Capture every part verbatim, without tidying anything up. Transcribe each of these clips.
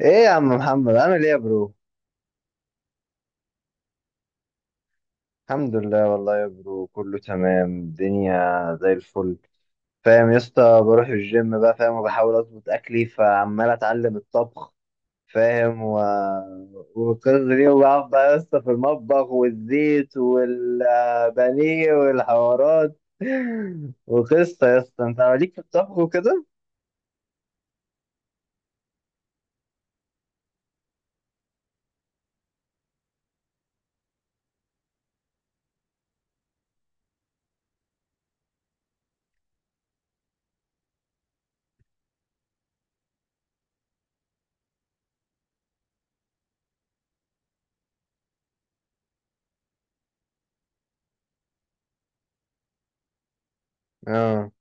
ايه يا عم محمد، عامل ايه يا برو؟ الحمد لله والله يا برو، كله تمام، الدنيا زي الفل. فاهم يا اسطى، بروح الجيم بقى فاهم، وبحاول اظبط اكلي فعمال اتعلم الطبخ. فاهم و... والقصة دي، وبقعد بقى يا اسطى في المطبخ والزيت والبانيه والحوارات. وقصة يا اسطى، انت عليك في الطبخ وكده. اه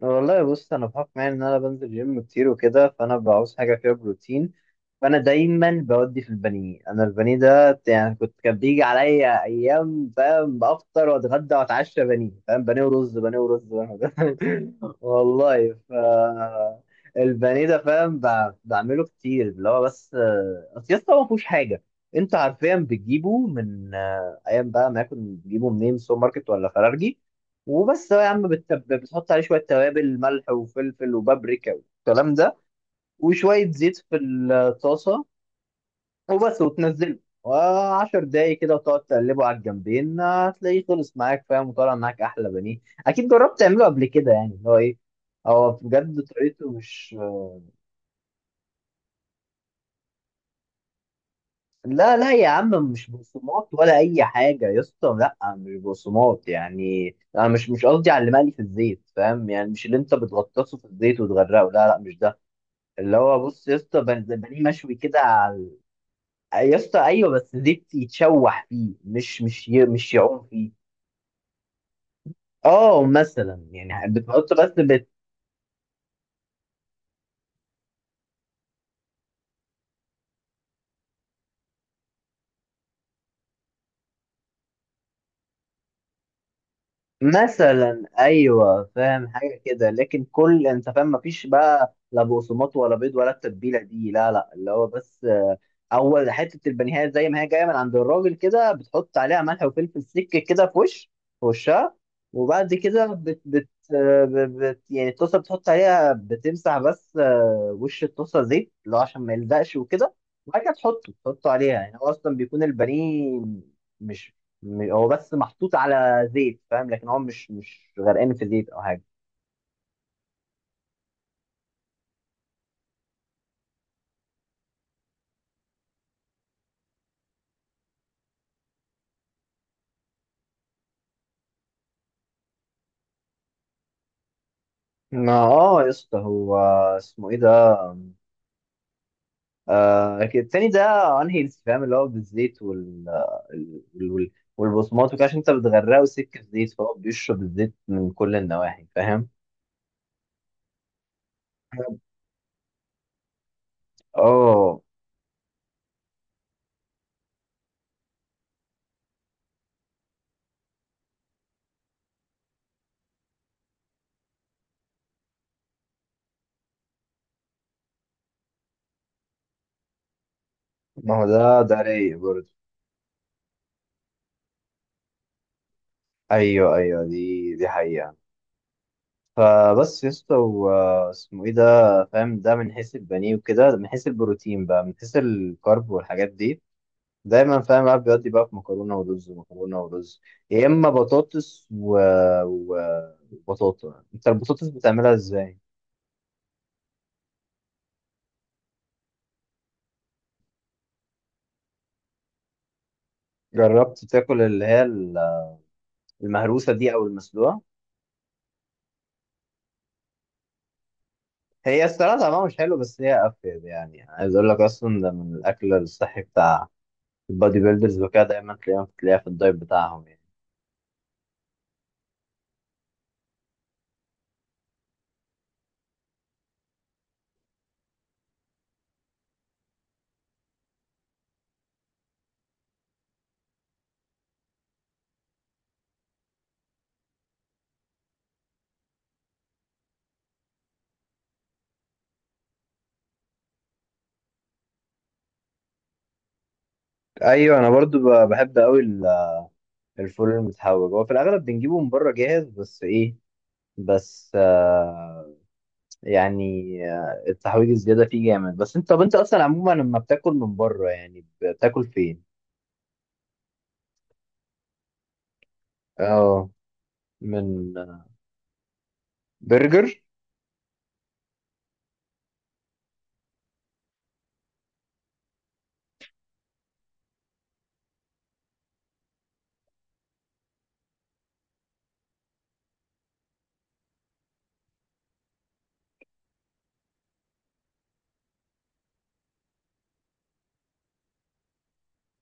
والله، بص انا بحكم يعني ان انا بنزل جيم كتير وكده، فانا بعوز حاجة فيها بروتين. فانا دايما بودي في البانيه، انا البانيه ده يعني كنت كان بيجي عليا ايام فاهم بافطر واتغدى واتعشى بانيه، فاهم، بانيه ورز، بانيه ورز. والله. ف البانيه ده فاهم ب- بعمله كتير، اللي هو بس آه، اصل يسطا هو ما فيهوش حاجه. انت حرفيا بتجيبه من آه، ايام بقى، ما يكون بتجيبه منين، سوبر ماركت ولا فرارجي، وبس. هو يا عم بتتب- بتحط عليه شويه توابل، ملح وفلفل وبابريكا والكلام ده، وشوية زيت في الطاسة، وبس، وتنزله، وعشر دقايق كده وتقعد تقلبه على الجنبين، هتلاقيه خلص معاك فاهم، وطلع معاك احلى بانيه. اكيد جربت تعمله قبل كده يعني، اللي هو ايه، هو بجد طريقته مش. لا لا يا عم، مش بقسماط ولا اي حاجه يا اسطى، لا مش بقسماط. يعني انا مش مش قصدي على اللي مقلي في الزيت، فاهم يعني؟ مش اللي انت بتغطسه في الزيت وتغرقه، لا لا مش ده. اللي هو بص يا اسطى، بن- زي بانيه مشوي كده على. يا اسطى ايوه، بس زيت يتشوح فيه، مش مش ي- مش يعوم فيه. اه مثلا يعني بتحط بس بت... مثلا ايوه، فاهم حاجه كده، لكن كل انت فاهم مفيش بقى لا بقسماط ولا بيض ولا التتبيله دي، لا لا، اللي هو بس اول حته البانيهات زي ما هي جايه من عند الراجل كده، بتحط عليها ملح وفلفل، سكه كده في وش، في وشها. وبعد كده بت بت آه، ب- بت يعني الطاسه بتحط عليها، بتمسح بس آه، وش الطاسه زيت، اللي هو عشان ما يلزقش وكده. وبعد كده تحطه تحطه عليها، يعني هو اصلا بيكون البانيه مش، م- هو بس محطوط على زيت فاهم، لكن هو مش مش غرقان في زيت او حاجه. ما اه يا اسطى، هو اسمه ايه ده؟ آه كده، التاني ده انهيلثي فاهم، اللي هو بالزيت وال ال- وال- والبصمات وكده، عشان انت بتغرقه سكه زيت، فهو بيشرب الزيت من كل النواحي فاهم، اه. ما هو ده ده رايق برضه. ايوه ايوه، دي دي حقيقه. فبس يا اسطى و- اسمه ايه ده، فاهم ده من حيث البانيه وكده، من حيث البروتين بقى، من حيث الكارب والحاجات دي، دايما فاهم بقى بيودي بقى في مكرونه ورز، مكرونه ورز، يا اما بطاطس و... و... وبطاطا انت البطاطس بتعملها ازاي؟ جربت تاكل اللي هي ال- المهروسه دي او المسلوقه؟ هي الصراحه طعمها مش حلو، بس هي افيد، يعني عايز اقول لك اصلا ده من الاكل الصحي بتاع البادي بيلدرز وكده، دايما تلاقيها تلاقيها في الدايت بتاعهم يعني. ايوه انا برضو ب- بحب قوي. الفول المتحوج هو في الاغلب بنجيبه من بره جاهز، بس ايه، بس آه يعني آه، التحويج الزيادة فيه جامد. بس انت، طب انت اصلا عموما لما بتاكل من بره يعني بتاكل فين؟ اه، من آه، برجر.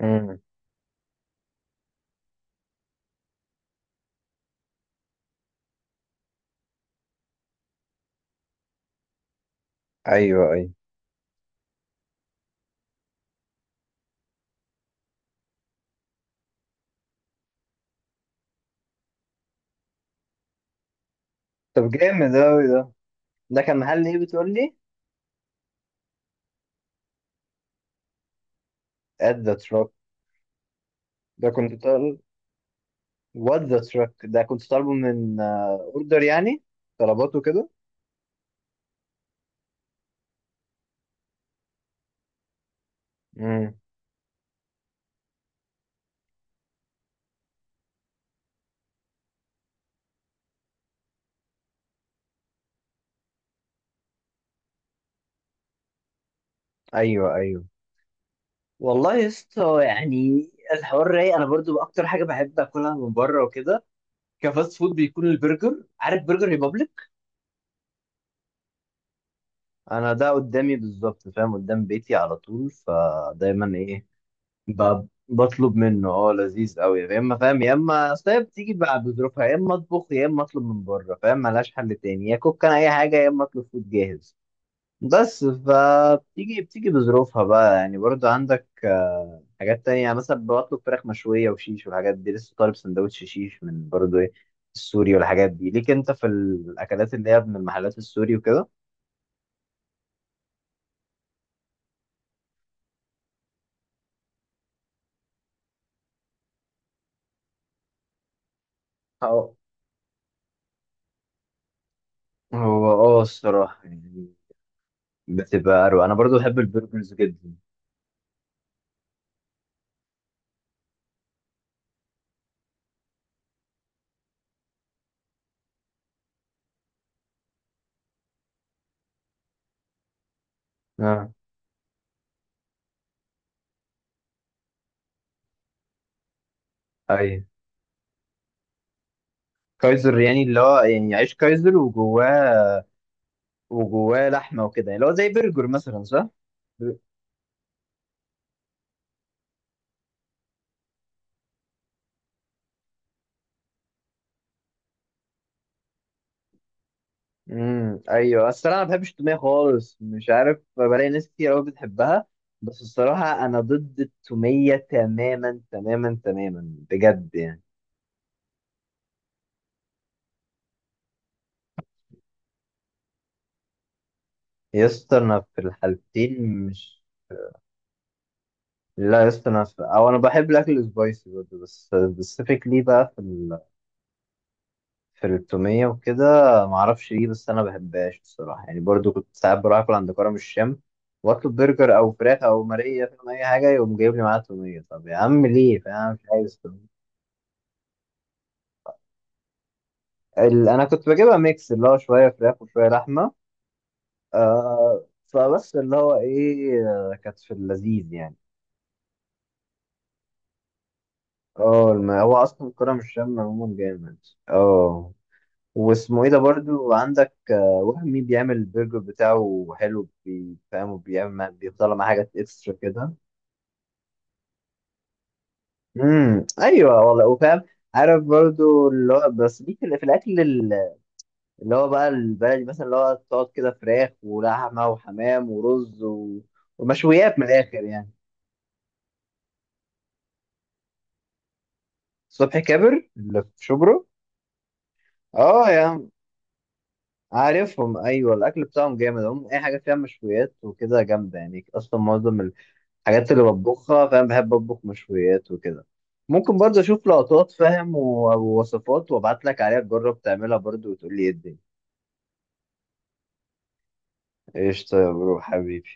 امم ايوه ايوه. طب جامد اوي ده، ده كان محل ايه بتقول لي؟ At the truck، ده كنت طالب. What the truck ده كنت طالبه من اوردر يعني؟ طلباته كده. امم ايوه ايوه. والله يا اسطى يعني الحوار رايق، انا برضو اكتر حاجه بحب اكلها من بره وكده كفاست فود بيكون البرجر. عارف برجر ريبابليك؟ انا ده قدامي بالظبط، فاهم قدام بيتي على طول، فدايما ايه ب- بطلب منه. اه لذيذ قوي يا اما، فاهم يا اما، اصل هي بتيجي بقى بظروفها، يا اما اطبخ، يا اما اطلب من بره، فاهم ملهاش حل تاني يا كوك، انا اي حاجه يا اما اطلب فود جاهز. بس فبتيجي بتيجي بظروفها بقى يعني. برضو عندك آه، حاجات تانية؟ يعني مثلا بطلب فراخ مشوية وشيش والحاجات دي، لسه طالب سندوتش شيش من برضو ايه، السوري والحاجات دي. ليك انت في الأكلات اللي هي من المحلات السوري وكده؟ هو اه الصراحة يعني بتبقى أروع، أنا برضو بحب البرجرز جدا. اه أيوة. كايزر يعني اللي هو يعني عيش كايزر وجواه وجواه لحمة وكده يعني اللي هو زي برجر مثلا، صح؟ امم ايوه. الصراحه انا ما بحبش التوميه خالص، مش عارف، بلاقي ناس كتير قوي بتحبها، بس الصراحه انا ضد التوميه تماما تماما تماما بجد يعني. يا اسطى انا في الحالتين مش. لا يا اسطى انا في... او انا بحب الاكل السبايسي برضه، بس سبيسيفيكلي بقى في في التومية وكده، معرفش ليه بس أنا بحبهاش بصراحة يعني. برضو كنت ساعات بروح أكل عند كرم الشام، وأطلب برجر أو فراخ أو ماريا فاهم، أي حاجة يقوم جايب لي معاها تومية، طب يا عم ليه فاهم، مش عايز تومية. ال- أنا كنت بجيبها ميكس، اللي هو شوية فراخ وشوية لحمة. آه فبس اللي هو إيه، آه، كانت في اللذيذ يعني. اه الم- هو أصلا كرم الشام عموما جامد. اه، واسمه ايه ده، برضو عندك آه، وهمي، بيعمل البرجر بتاعه حلو بي- فاهم، وبيعمل بيطلع معاه حاجات اكسترا كده. امم ايوه والله، وفاهم، عارف برضو اللي هو بس، ليك في في الاكل ال- اللي هو بقى البلدي مثلا، اللي هو تقعد كده فراخ ولحمه وحمام ورز و... ومشويات من الاخر يعني. صبحي كابر اللي في شبرا؟ اه يا عم عارفهم، ايوه الاكل بتاعهم جامد، هم اي حاجه فيها مشويات وكده جامده يعني. اصلا معظم الحاجات اللي بطبخها، فاهم بحب اطبخ مشويات وكده. ممكن برضه اشوف لقطات فاهم و- ووصفات، وابعت لك عليها تجرب تعملها برضه وتقول لي ايه الدنيا. قشطه يا برو حبيبي.